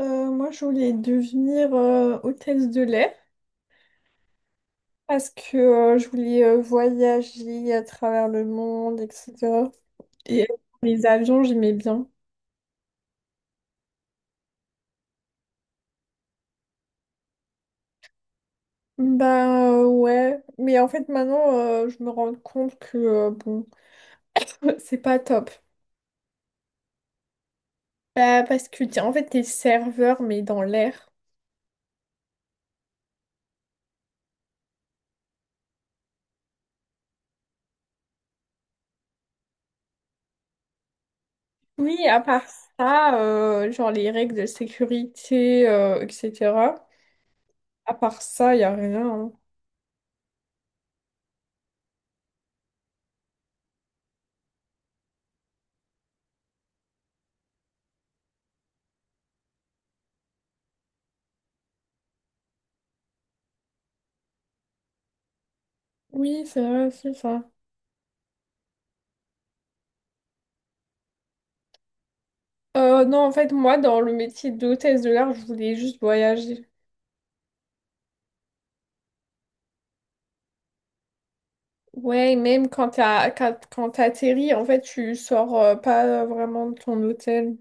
Moi, je voulais devenir hôtesse de l'air parce que je voulais voyager à travers le monde, etc. Et les avions, j'aimais bien. Bah ouais, mais en fait maintenant, je me rends compte que bon, c'est pas top. Bah, parce que en fait, t'es serveur, mais dans l'air. Oui, à part ça, genre les règles de sécurité, etc. À part ça, y a rien, hein. Oui, c'est vrai, c'est ça. Non, en fait, moi, dans le métier d'hôtesse de l'air, je voulais juste voyager. Ouais, et même quand t'atterris, en fait, tu sors pas vraiment de ton hôtel.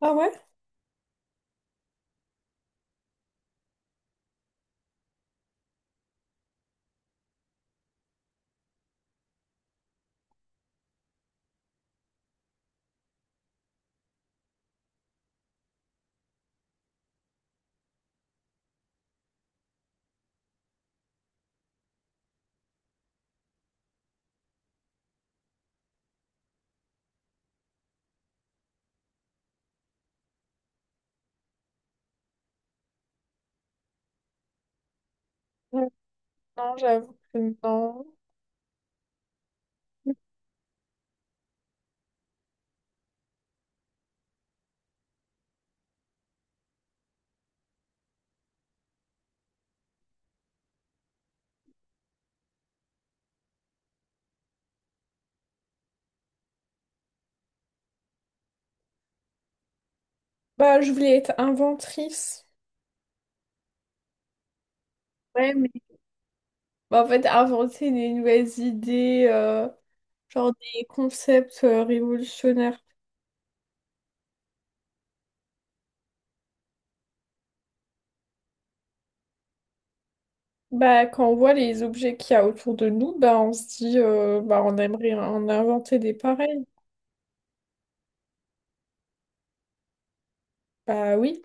Ah ouais? Mm. Non, j'avoue que non. Bah, je voulais être inventrice. Ouais, mais... Bah, en fait, inventer des nouvelles idées, genre des concepts révolutionnaires. Bah, quand on voit les objets qu'il y a autour de nous, bah, on se dit, bah, on aimerait en inventer des pareils. Bah oui,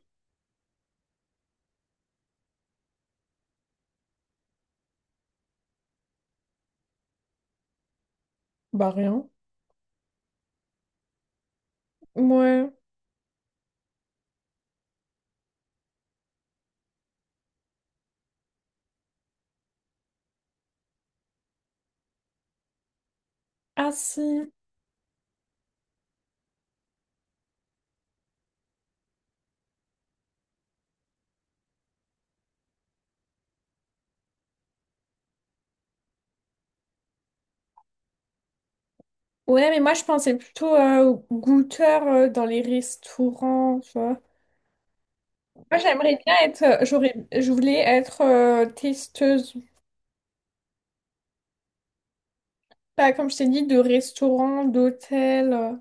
bah rien. Ouais. Ah si. Ouais, mais moi je pensais plutôt aux goûteurs dans les restaurants, tu vois. Moi j'aimerais bien être, j'aurais, je voulais être testeuse. Pas comme je t'ai dit, de restaurants, d'hôtels.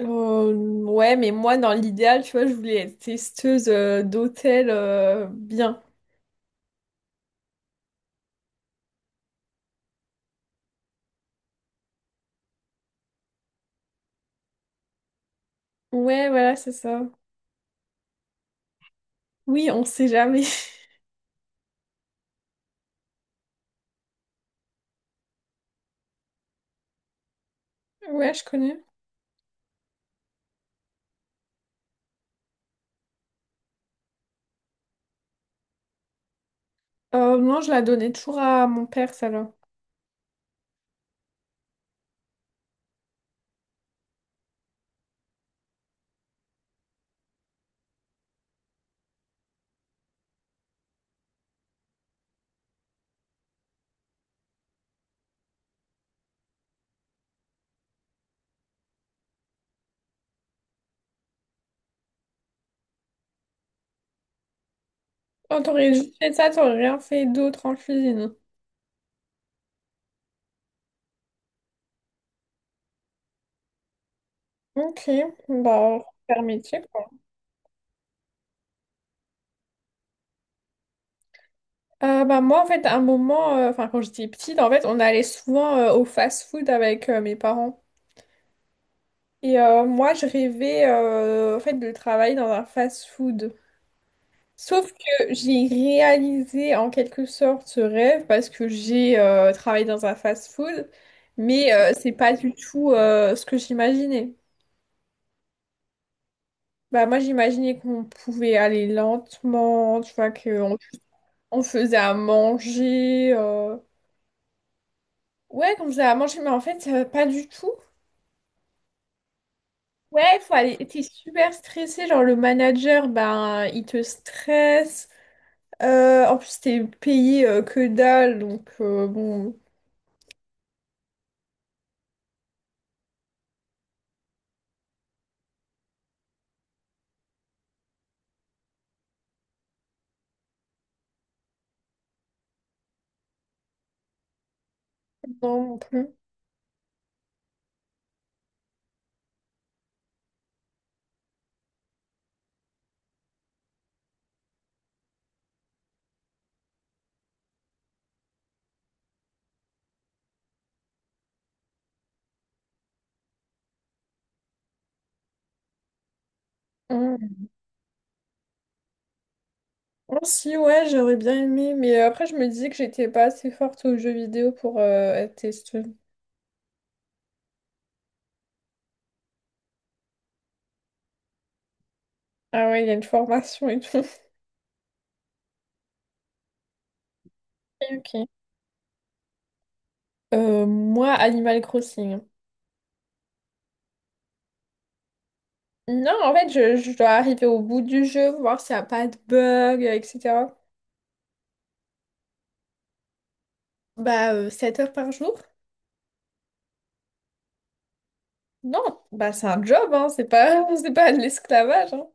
Euh, ouais, mais moi dans l'idéal, tu vois, je voulais être testeuse d'hôtels bien. Ouais, voilà, c'est ça. Oui, on sait jamais. Ouais, je connais. Non, je la donnais toujours à mon père, celle-là. Oh, t'aurais juste fait ça, t'aurais rien fait d'autre en cuisine. Ok, bah, super métier, quoi. Moi, en fait, à un moment, enfin, quand j'étais petite, en fait, on allait souvent au fast-food avec mes parents. Et moi, je rêvais, en fait, de travailler dans un fast-food. Sauf que j'ai réalisé, en quelque sorte, ce rêve parce que j'ai travaillé dans un fast-food, mais c'est pas du tout ce que j'imaginais. Bah, moi, j'imaginais qu'on pouvait aller lentement, tu vois, qu'on on faisait à manger, euh. Ouais, comme ça à manger, mais en fait, pas du tout. Ouais, faut aller. T'es super stressé, genre le manager, ben, il te stresse. En plus, t'es payé que dalle, donc bon, non non plus. Mm. Oh, si, ouais, j'aurais bien aimé, mais après, je me disais que j'étais pas assez forte aux jeux vidéo pour être testeuse. Ah ouais, il y a une formation et tout. Ok. Moi, Animal Crossing. Non, en fait, je dois arriver au bout du jeu, voir s'il n'y a pas de bug, etc. Bah, 7 heures par jour? Non, bah c'est un job, hein, c'est pas, c'est pas de l'esclavage, hein.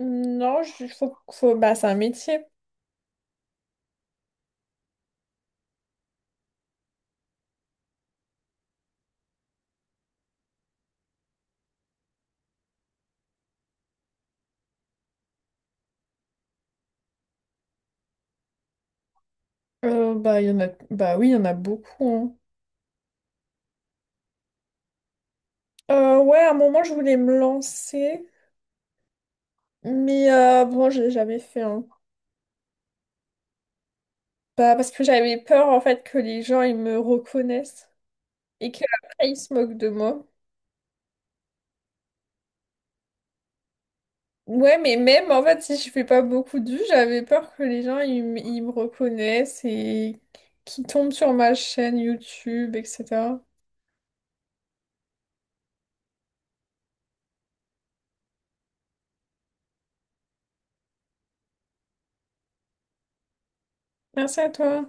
Non, je- bah c'est un métier. Il y en a, bah oui, il y en a beaucoup, hein. Ouais, à un moment, je voulais me lancer, mais bon, j'ai jamais fait, hein. Bah, parce que j'avais peur, en fait, que les gens, ils me reconnaissent et qu'après, ils se moquent de moi. Ouais, mais même en fait, si je fais pas beaucoup de vues, j'avais peur que les gens ils me reconnaissent et qu'ils tombent sur ma chaîne YouTube, etc. Merci à toi.